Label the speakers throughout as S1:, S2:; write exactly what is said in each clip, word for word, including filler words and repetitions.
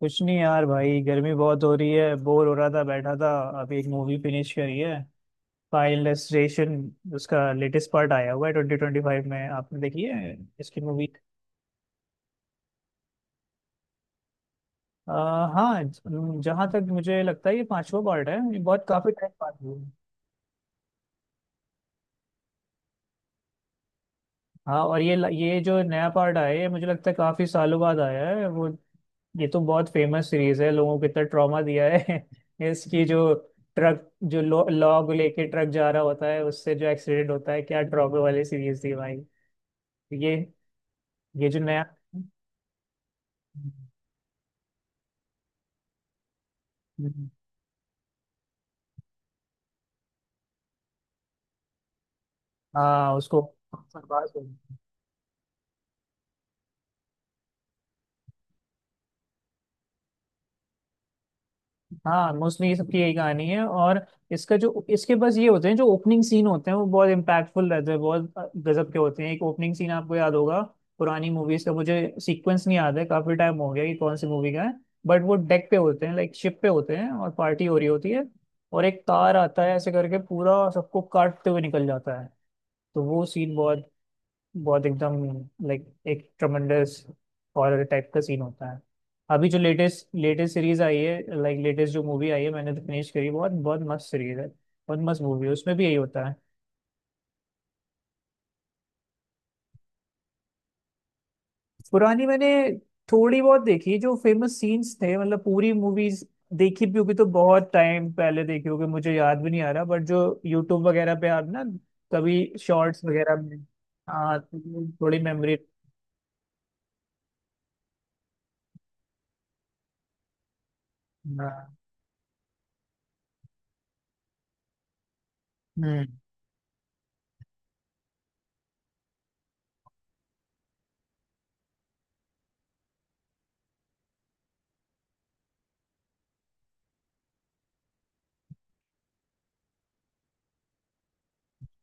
S1: कुछ नहीं यार, भाई गर्मी बहुत हो रही है, बोर हो रहा था, बैठा था। अभी एक मूवी फिनिश करी है, फाइनल डेस्टिनेशन। उसका लेटेस्ट पार्ट आया हुआ है ट्वेंटी ट्वेंटी फाइव में। आपने देखी है इसकी मूवी? हाँ। जहाँ तक मुझे लगता है ये पांचवा पार्ट है। ये बहुत काफी टाइम बाद हुआ है। हाँ, और ये ये जो नया पार्ट आया है ये मुझे लगता है काफी सालों बाद आया है वो। ये तो बहुत फेमस सीरीज है, लोगों को इतना ट्रॉमा दिया है। इसकी जो ट्रक, जो लो- लॉग लेके ट्रक जा रहा होता है, उससे जो एक्सीडेंट होता है, क्या ट्रॉमा वाली सीरीज थी भाई। ये ये जो नया। हाँ, उसको बर्बाद हो गया। हाँ, मोस्टली ये सबकी यही कहानी है। और इसका जो इसके बस ये होते हैं जो ओपनिंग सीन होते हैं, वो बहुत इम्पैक्टफुल रहते हैं, बहुत गजब के होते हैं। एक ओपनिंग सीन आपको याद होगा, पुरानी मूवीज का मुझे सीक्वेंस नहीं याद है, काफी टाइम हो गया कि कौन सी मूवी का है, बट वो डेक पे होते हैं, लाइक शिप पे होते हैं, और पार्टी हो रही होती है, और एक कार आता है ऐसे करके पूरा सबको काटते हुए निकल जाता है। तो वो सीन बहुत, बहुत एकदम लाइक एक ट्रमेंडस हॉरर टाइप का सीन होता है। अभी जो लेटेस्ट लेटेस्ट सीरीज आई है, लाइक लेटेस्ट जो मूवी आई है, मैंने तो फिनिश करी, बहुत बहुत मस्त सीरीज है, बहुत मस्त मूवी है, उसमें भी यही होता है। पुरानी मैंने थोड़ी बहुत देखी, जो फेमस सीन्स थे, मतलब पूरी मूवीज देखी भी होगी तो बहुत टाइम पहले देखी होगी, मुझे याद भी नहीं आ रहा, बट जो यूट्यूब वगैरह पे आप ना, कभी शॉर्ट्स वगैरह में, हाँ तो थोड़ी मेमोरी। हाँ।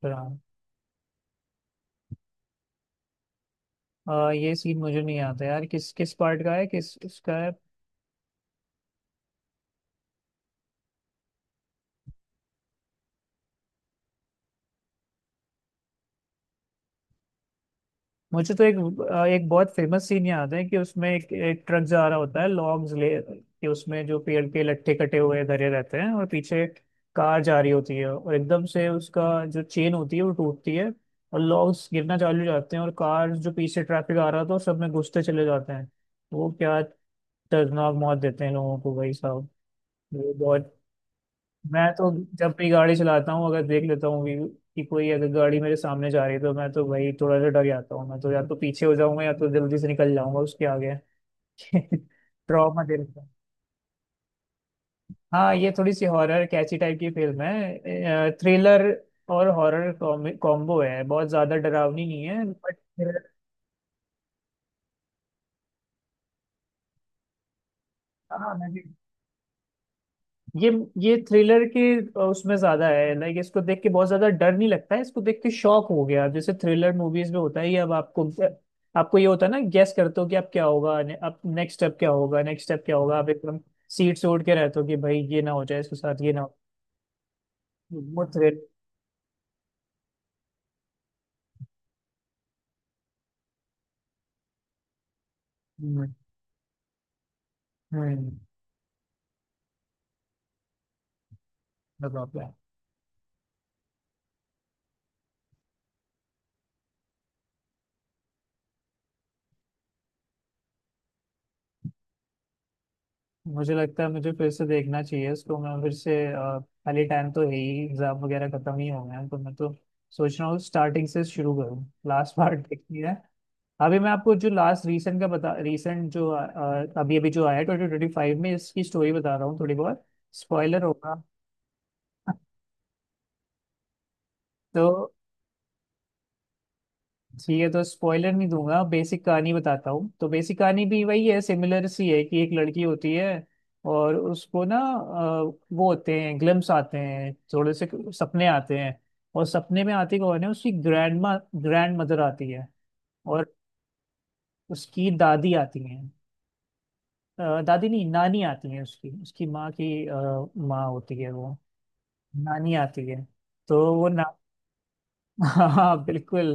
S1: हम्म। आ, ये सीन मुझे नहीं आता यार, किस किस पार्ट का है, किस उसका है। मुझे तो एक अ, एक बहुत फेमस सीन याद है कि उसमें एक, एक ट्रक जा रहा होता है, लॉन्ग्स ले, कि उसमें जो पेड़ के लट्ठे कटे हुए धरे रहते हैं, और पीछे कार जा रही होती है, और एकदम से उसका जो चेन होती है वो टूटती है, और लॉन्ग्स गिरना चालू हो जाते हैं, और कार जो पीछे ट्रैफिक आ रहा था, सब में घुसते चले जाते हैं। वो क्या दर्दनाक मौत देते हैं लोगों को, भाई साहब। वो बहुत, मैं तो जब भी गाड़ी चलाता हूँ, अगर देख लेता हूँ व्यू कि कोई अगर गाड़ी मेरे सामने जा रही है, तो मैं तो भाई थोड़ा सा डर जाता हूँ, मैं तो या तो पीछे हो जाऊंगा या तो जल्दी से निकल जाऊंगा उसके आगे। ट्रॉमा दे रखा है। हाँ, ये थोड़ी सी हॉरर कैची टाइप की फिल्म है, थ्रिलर और हॉरर कॉम्बो है, बहुत ज्यादा डरावनी नहीं है बट, हाँ, ये ये थ्रिलर के अ, उसमें ज्यादा है। लाइक इसको देख के बहुत ज्यादा डर नहीं लगता है, इसको देख के शॉक हो गया जैसे थ्रिलर मूवीज में होता है, ये अब आपको आपको ये होता है ना, गेस करते हो कि अब क्या होगा ने, अब नेक्स्ट स्टेप क्या होगा, नेक्स्ट स्टेप क्या होगा, आप एकदम सीट से उड़ के रहते हो कि भाई ये ना हो जाए, इसके साथ ये ना हो। वो थ्रिल। हम्म। हम्म। बताओ क्या। मुझे लगता है मुझे फिर से देखना चाहिए इसको, मैं फिर से अ, खाली टाइम तो है ही, एग्जाम वगैरह खत्म ही हो गए हैं, तो मैं तो सोच रहा हूँ स्टार्टिंग से शुरू करूँ, लास्ट पार्ट देखनी है। अभी मैं आपको जो लास्ट रीसेंट का बता रीसेंट जो अ, अ, अभी अभी जो आया ट्वेंटी ट्वेंटी फाइव में, इसकी स्टोरी बता रहा हूँ थोड़ी बहुत, स्पॉइलर होगा। तो ठीक है, तो स्पॉइलर नहीं दूंगा, बेसिक कहानी बताता हूँ। तो बेसिक कहानी भी वही है, सिमिलर सी है, कि एक लड़की होती है, और उसको ना अ, वो होते हैं ग्लिम्स आते हैं थोड़े से, सपने आते हैं, और सपने में आती कौन है, उसकी ग्रैंड माँ, ग्रैंड मदर आती है। और उसकी दादी आती हैं, अ, दादी नहीं नानी आती है, उसकी उसकी माँ की अ, माँ होती है वो, नानी आती है, तो वो ना। हाँ, बिल्कुल।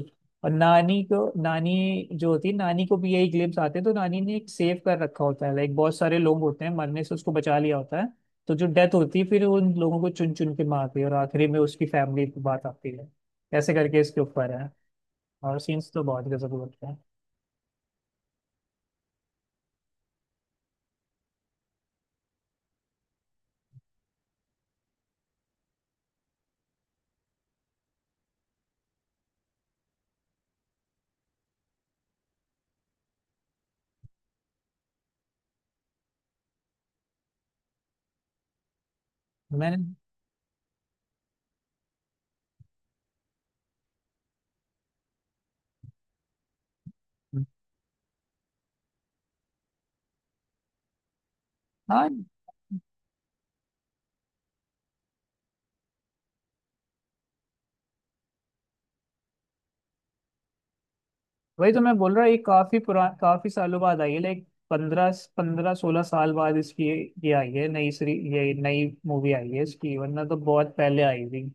S1: और नानी को, नानी जो होती है, नानी को भी यही ग्लिम्स आते हैं, तो नानी ने एक सेव कर रखा होता है, लाइक बहुत सारे लोग होते हैं मरने से उसको बचा लिया होता है। तो जो डेथ होती है, फिर उन लोगों को चुन चुन के मारती है, और आखिरी में उसकी फैमिली की बात आती है, ऐसे करके इसके ऊपर है, और सीन्स तो बहुत गजब लगते हैं। मैंने। हाँ, वही तो मैं बोल रहा, ये काफी पुरा काफी सालों बाद आई है, लाइक पंद्रह पंद्रह सोलह साल बाद इसकी ये ये आई है, नई सीरी, ये नई मूवी आई है इसकी, वरना तो बहुत पहले आई थी।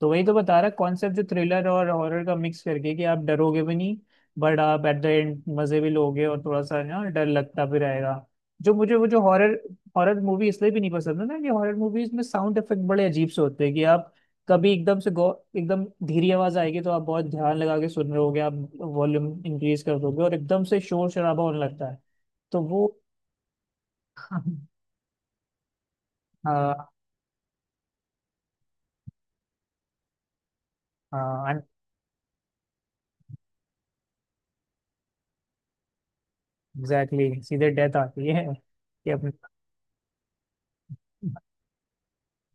S1: तो वही तो बता रहा, कॉन्सेप्ट जो थ्रिलर और हॉरर का मिक्स करके, कि आप डरोगे भी नहीं बट आप एट द एंड मजे भी लोगे, और थोड़ा सा ना डर लगता भी रहेगा। जो मुझे वो जो हॉरर हॉरर मूवी इसलिए भी नहीं पसंद है ना, कि हॉरर मूवीज में साउंड इफेक्ट बड़े अजीब से होते हैं, कि आप कभी एकदम से गौ एकदम धीरे आवाज आएगी तो आप बहुत ध्यान लगा के सुन रहे होगे, आप वॉल्यूम इंक्रीज कर दोगे, और एकदम से शोर शराबा होने लगता है, तो वो। हाँ, हाँ, एग्जैक्टली, सीधे डेथ आती है कि अपने,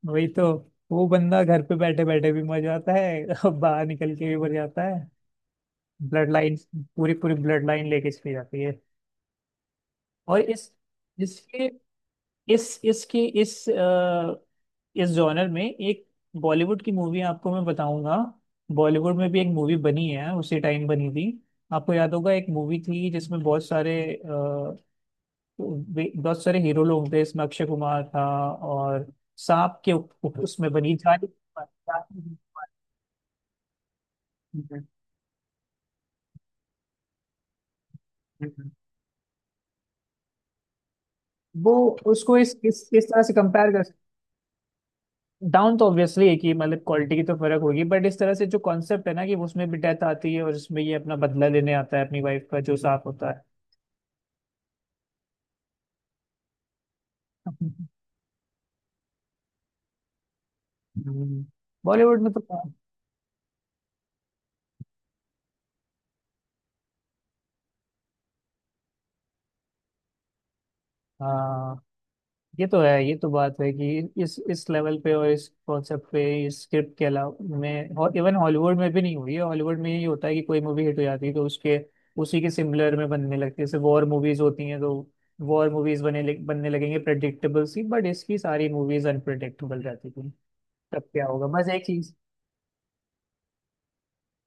S1: वही तो। वो बंदा घर पे बैठे बैठे भी मर जाता है और बाहर निकल के भी मर जाता है। ब्लड लाइन, पूरी पूरी ब्लड लाइन लेके चली जाती है। और इस इसके इस इसकी इस अ, इस जॉनर में एक बॉलीवुड की मूवी आपको मैं बताऊंगा। बॉलीवुड में भी एक मूवी बनी है उसी टाइम बनी थी, आपको याद होगा, एक मूवी थी जिसमें बहुत सारे अ, वे- बहुत सारे हीरो लोग थे, इसमें अक्षय कुमार था, और सांप के उप, उप- उसमें बनी, जानी। वो, उसको इस इस इस तरह से कंपेयर कर, डाउन तो ऑब्वियसली एक ही मतलब क्वालिटी की तो फर्क होगी, बट इस तरह से जो कॉन्सेप्ट है ना, कि उसमें भी डेथ आती है और इसमें ये अपना बदला लेने आता है, अपनी वाइफ का जो साफ होता है। हम्म। बॉलीवुड में तो हाँ, ये तो है ये तो बात है, कि इस इस लेवल पे और इस कॉन्सेप्ट पे, इस स्क्रिप्ट के अलावा में और इवन हॉलीवुड में भी नहीं हुई है। हॉलीवुड में यही होता है कि कोई मूवी हिट हो जाती है तो उसके, उसी के सिमिलर में बनने लगती है, जैसे वॉर मूवीज होती हैं तो वॉर मूवीज बने बनने लगेंगे प्रेडिक्टेबल सी, बट इसकी सारी मूवीज अनप्रेडिक्टेबल रहती। तब क्या होगा बस एक चीज,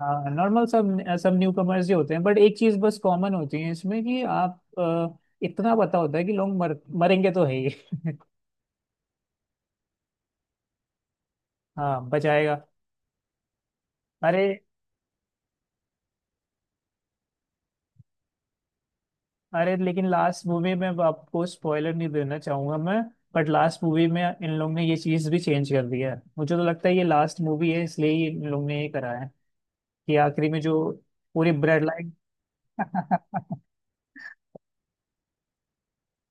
S1: हाँ नॉर्मल सब सब न्यू कमर्स ही होते हैं, बट एक चीज बस कॉमन होती है इसमें कि आप अ, इतना पता होता है कि लोग मर मरेंगे तो है ही। हाँ बचाएगा। अरे, अरे लेकिन लास्ट मूवी में, अब आपको स्पॉइलर नहीं देना चाहूंगा मैं, बट लास्ट मूवी में इन लोग ने ये चीज भी चेंज कर दिया है, मुझे तो लगता है ये लास्ट मूवी है इसलिए ही इन लोग ने ये करा है, कि आखिरी में जो पूरी ब्लड लाइन।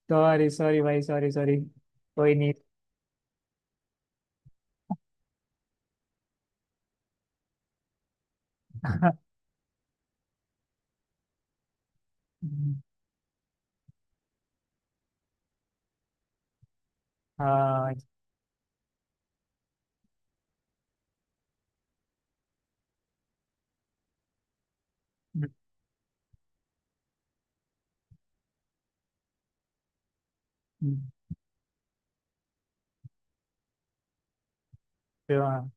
S1: सॉरी सॉरी भाई, सॉरी सॉरी। कोई नहीं। हाँ, हाँ,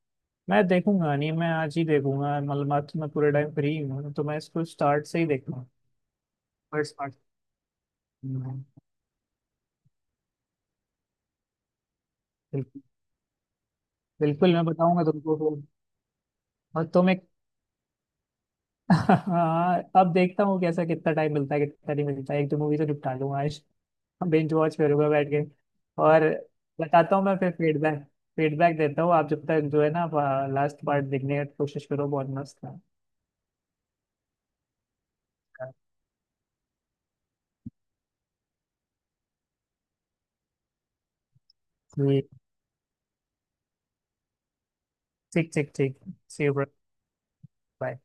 S1: मैं देखूंगा, नहीं मैं आज ही देखूंगा, मतलब आज तो मैं पूरे टाइम फ्री हूँ, तो मैं इसको स्टार्ट से ही देखूंगा। First part. बिल्कुल, बिल्कुल मैं बताऊंगा तुमको फिर। और तुम एक। हाँ, अब देखता हूँ कैसा, कितना टाइम मिलता है कितना नहीं मिलता है, एक दो मूवी तो निपटा लूंगा आज। बेंच वॉच करूंगा बैठ के। और बताता हूँ मैं फिर फीडबैक फीडबैक देता हूँ आप जब तक। जो है ना, लास्ट पार्ट देखने की कोशिश करो, बहुत मस्त है। ठीक, ठीक ठीक ठीक। See you. बाय।